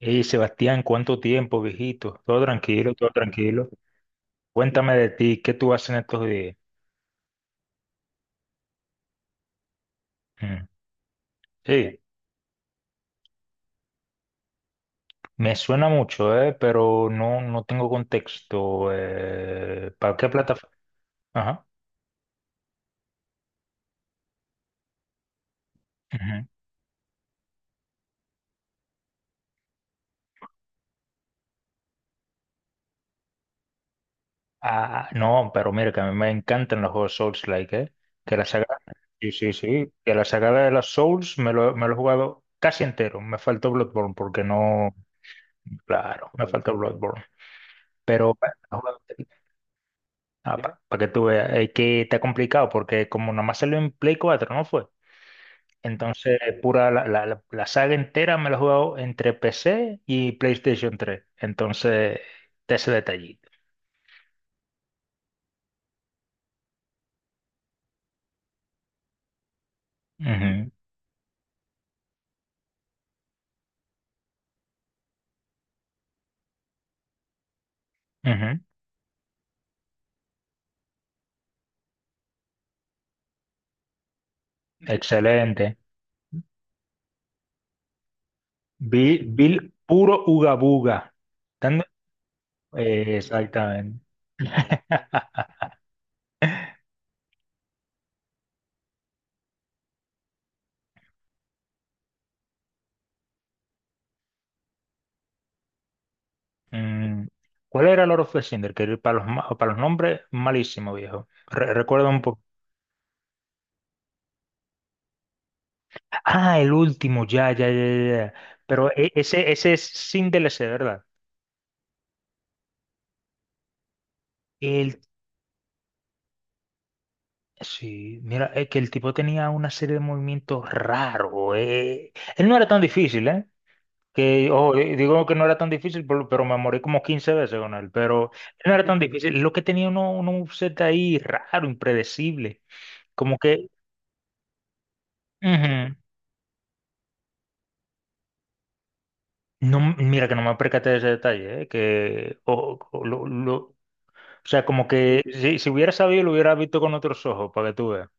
Hey, Sebastián, ¿cuánto tiempo, viejito? Todo tranquilo, todo tranquilo. Cuéntame de ti, ¿qué tú haces en estos días? Mm. Sí, me suena mucho, pero no, no tengo contexto. ¿Para qué plataforma? Ajá. Ujú. Ah, no, pero mira, que a mí me encantan los juegos Souls-like. Que la saga, sí, sí, sí, que la saga de los Souls me lo he jugado casi entero. Me faltó Bloodborne porque no, claro, me faltó Bloodborne. Pero, ah, dime. Para que tú veas, es que está complicado porque como nomás salió en Play 4, ¿no fue? Entonces, pura la saga entera me la he jugado entre PC y PlayStation 3. Entonces, está ese detallito. Ujú, ujú. Excelente. Bill Bill puro ugabuga. Dando- exactamente. Mm, ¿cuál era el Lord of the Cinder? Que para los nombres, malísimo, viejo. Recuerda un poco. Ah, el último, ya, ya, ya, ya. Ya. Pero ese es sin DLC, ¿verdad? El, sí, mira, es que el tipo tenía una serie de movimientos raros. Él no era tan difícil, ¿eh? Que, ojo, digo que no era tan difícil, pero me morí como 15 veces con él. Pero él no era tan difícil. Lo que tenía uno un set ahí raro, impredecible. Como que. Ujú. No, mira que no me percaté de ese detalle, ¿eh? Que o- lo- O sea, como que si, si hubiera sabido, lo hubiera visto con otros ojos, para que tú veas.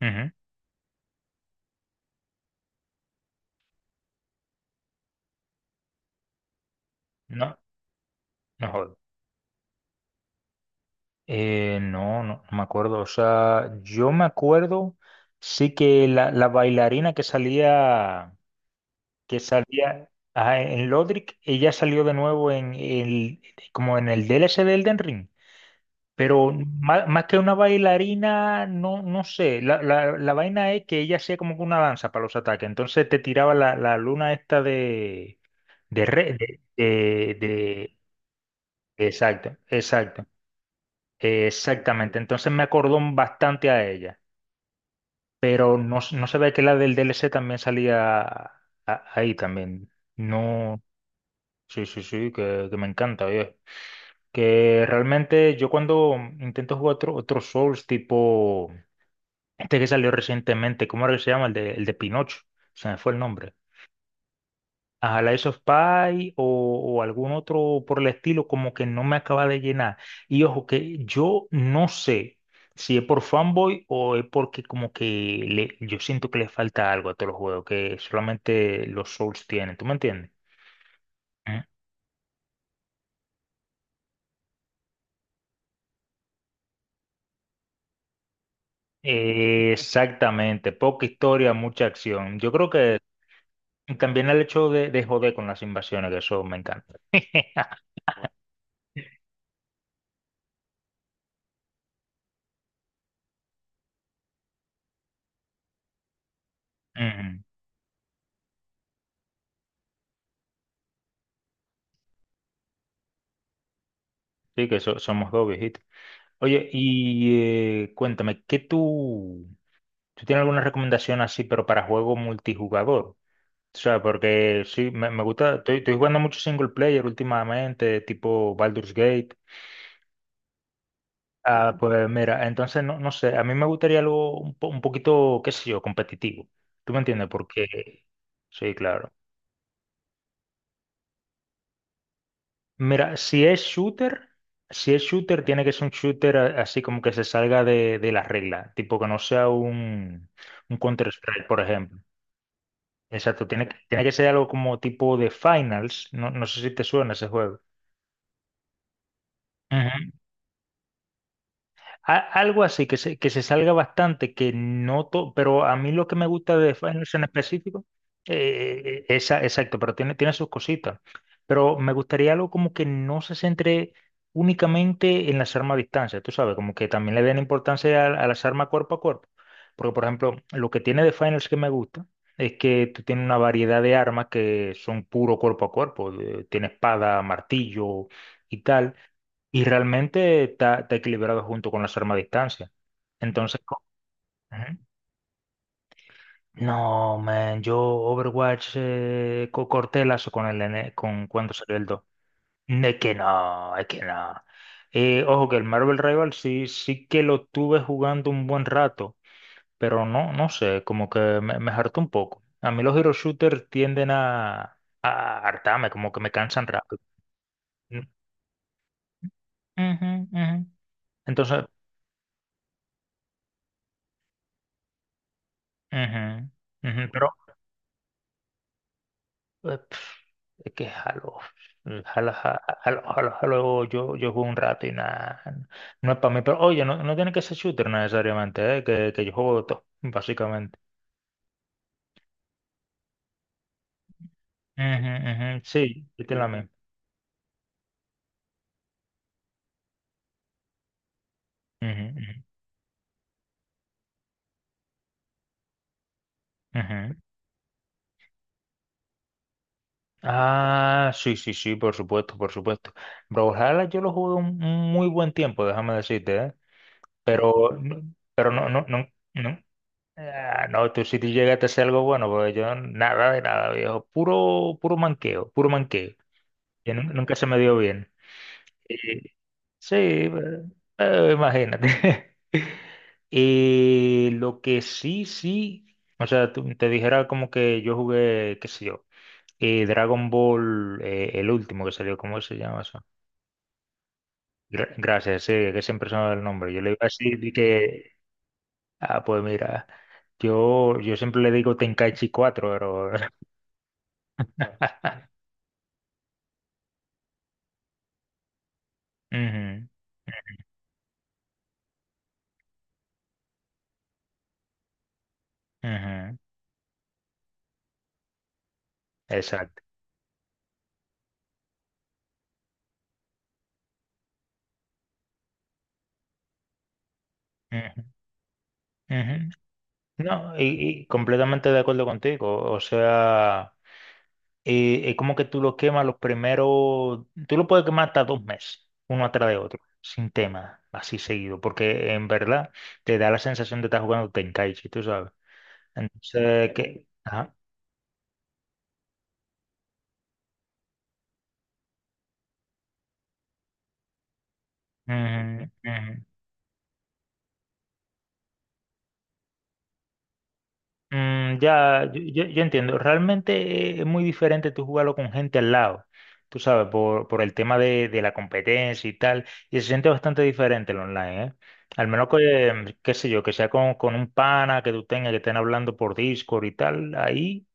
Ujú. No, no jodas. No, no, no me acuerdo. O sea, yo me acuerdo, sí que la bailarina que salía ajá, en Lodric, ella salió de nuevo como en el DLC de Elden Ring. Pero más, más que una bailarina, no, no sé. La vaina es que ella hacía como que una danza para los ataques. Entonces te tiraba la luna esta de De, re- de, de- de- exacto, exacto, exactamente. Entonces me acordó bastante a ella, pero no, no sabía que la del DLC también salía ahí también. No, sí, sí, sí, que me encanta, oye. Que realmente yo cuando intento jugar otro Souls tipo este que salió recientemente, ¿cómo era que se llama? El de Pinocho, se me fue el nombre. A Lies of Pi o algún otro por el estilo, como que no me acaba de llenar. Y ojo, que yo no sé si es por fanboy o es porque como que yo siento que le falta algo a todos los juegos, que solamente los Souls tienen, ¿tú me entiendes? ¿Mm? Exactamente, poca historia, mucha acción. Yo creo que también el hecho de joder con las invasiones, que eso me encanta. Ujú. Sí, que somos dos viejitos. Oye, y cuéntame, ¿qué tú? ¿Tú tienes alguna recomendación así, pero para juego multijugador? O sea, porque sí, me gusta, estoy jugando mucho single player últimamente, tipo Baldur's Gate. Ah, pues mira, entonces no, no sé, a mí me gustaría algo un poquito, qué sé yo, competitivo. ¿Tú me entiendes? Porque, sí, claro. Mira, si es shooter, tiene que ser un shooter así como que se salga de la regla, tipo que no sea un Counter-Strike, por ejemplo. Exacto, tiene que ser algo como tipo de Finals. No, no sé si te suena ese juego. Ujú. Algo así, que se salga bastante, que no todo, pero a mí lo que me gusta de Finals en específico, esa, exacto, pero tiene sus cositas. Pero me gustaría algo como que no se centre únicamente en las armas a distancia, tú sabes, como que también le den importancia a las armas cuerpo a cuerpo. Porque, por ejemplo, lo que tiene de Finals que me gusta es que tú tienes una variedad de armas que son puro cuerpo a cuerpo, tiene espada, martillo y tal y realmente está equilibrado junto con las armas a distancia. Entonces, Ujú. No, man, yo Overwatch corté lazo con con cuando salió el dos. Es que no, es que no. Ojo que el Marvel Rival sí, sí que lo tuve jugando un buen rato, pero no, no sé, como que me hartó un poco. A mí los hero shooters tienden a hartarme, como que me cansan rápido. Mm. Ujú, ujú. Entonces, ujú, ujú, pero es que jalo, jalo, jalo, jalo, jalo, yo juego un rato y nada, no es para mí, pero oye, no, no tiene que ser shooter necesariamente, ¿eh? Que yo juego de todo, básicamente. Ujú, ujú. Sí, yo tengo la misma. Ujú, ujú, ujú. Ah, sí, sí, sí, por supuesto, por supuesto. Brawlhalla yo lo jugué un muy buen tiempo, déjame decirte, ¿eh? Pero, no- pero no, no, no, no. Ah, no, tú si tú llegaste a hacer algo bueno, porque yo nada de nada, viejo. Puro, puro manqueo, puro manqueo. Que nunca se me dio bien. Y- sí, imagínate. Y lo que sí, sí, o sea, te dijera como que yo jugué, qué sé yo, y Dragon Ball, el último que salió, ¿cómo se llama eso? Gracias, sí, que siempre se me va el nombre. Yo le iba a decir de que, ah, pues mira, yo siempre le digo Tenkaichi 4 pero. Ujú, ujú, exacto. Ujú, ujú. No, y completamente de acuerdo contigo. O sea, es como que tú lo quemas los primeros, tú lo puedes quemar hasta 2 meses, uno atrás de otro, sin tema, así seguido, porque en verdad te da la sensación de estar jugando Tenkaichi, tú sabes. Entonces, que. Ajá. Ujú, ujú. Mm, ya, yo entiendo. Realmente es muy diferente tú jugarlo con gente al lado, tú sabes, por el tema de la competencia y tal. Y se siente bastante diferente el online, ¿eh? Al menos que, qué sé yo, que sea con un pana, que tú tengas, que estén hablando por Discord y tal. Ahí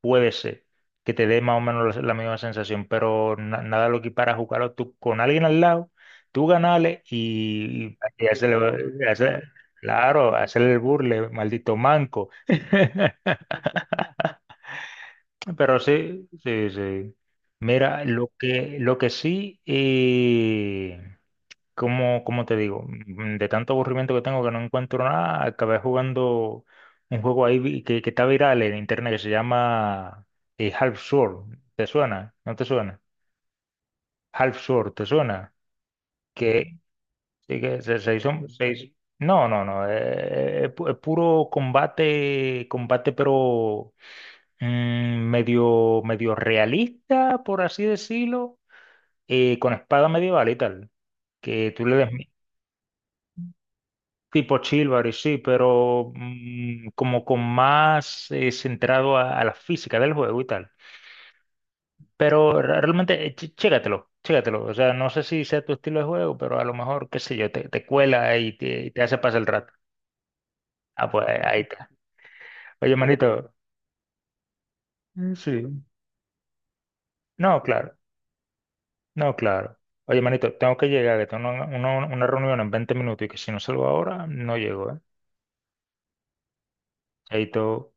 puede ser que te dé más o menos la misma sensación, pero nada lo equipara a jugarlo tú con alguien al lado, tú ganarle y hacerle, claro, hacerle el burle, maldito manco. Pero sí, sí, sí. Mira, lo que sí, como te digo, de tanto aburrimiento que tengo que no encuentro nada, acabé jugando un juego ahí que está viral en internet que se llama Half Sword. ¿Te suena? ¿No te suena? Half Sword, ¿te suena? Que, sí, que se hizo. No, no, no. Es puro combate, combate, pero medio, medio realista, por así decirlo, con espada medieval y tal. Que tú le des. Tipo Chivalry, sí, pero como con más centrado a la física del juego y tal. Pero realmente, chécatelo, chécatelo. O sea, no sé si sea tu estilo de juego, pero a lo mejor, qué sé yo, te cuela y te hace pasar el rato. Ah, pues ahí está. Oye, manito, mm, sí. No, claro, no, claro. Oye, manito, tengo que llegar, que tengo una reunión en 20 minutos y que si no salgo ahora, no llego, ¿eh? Ahí todo.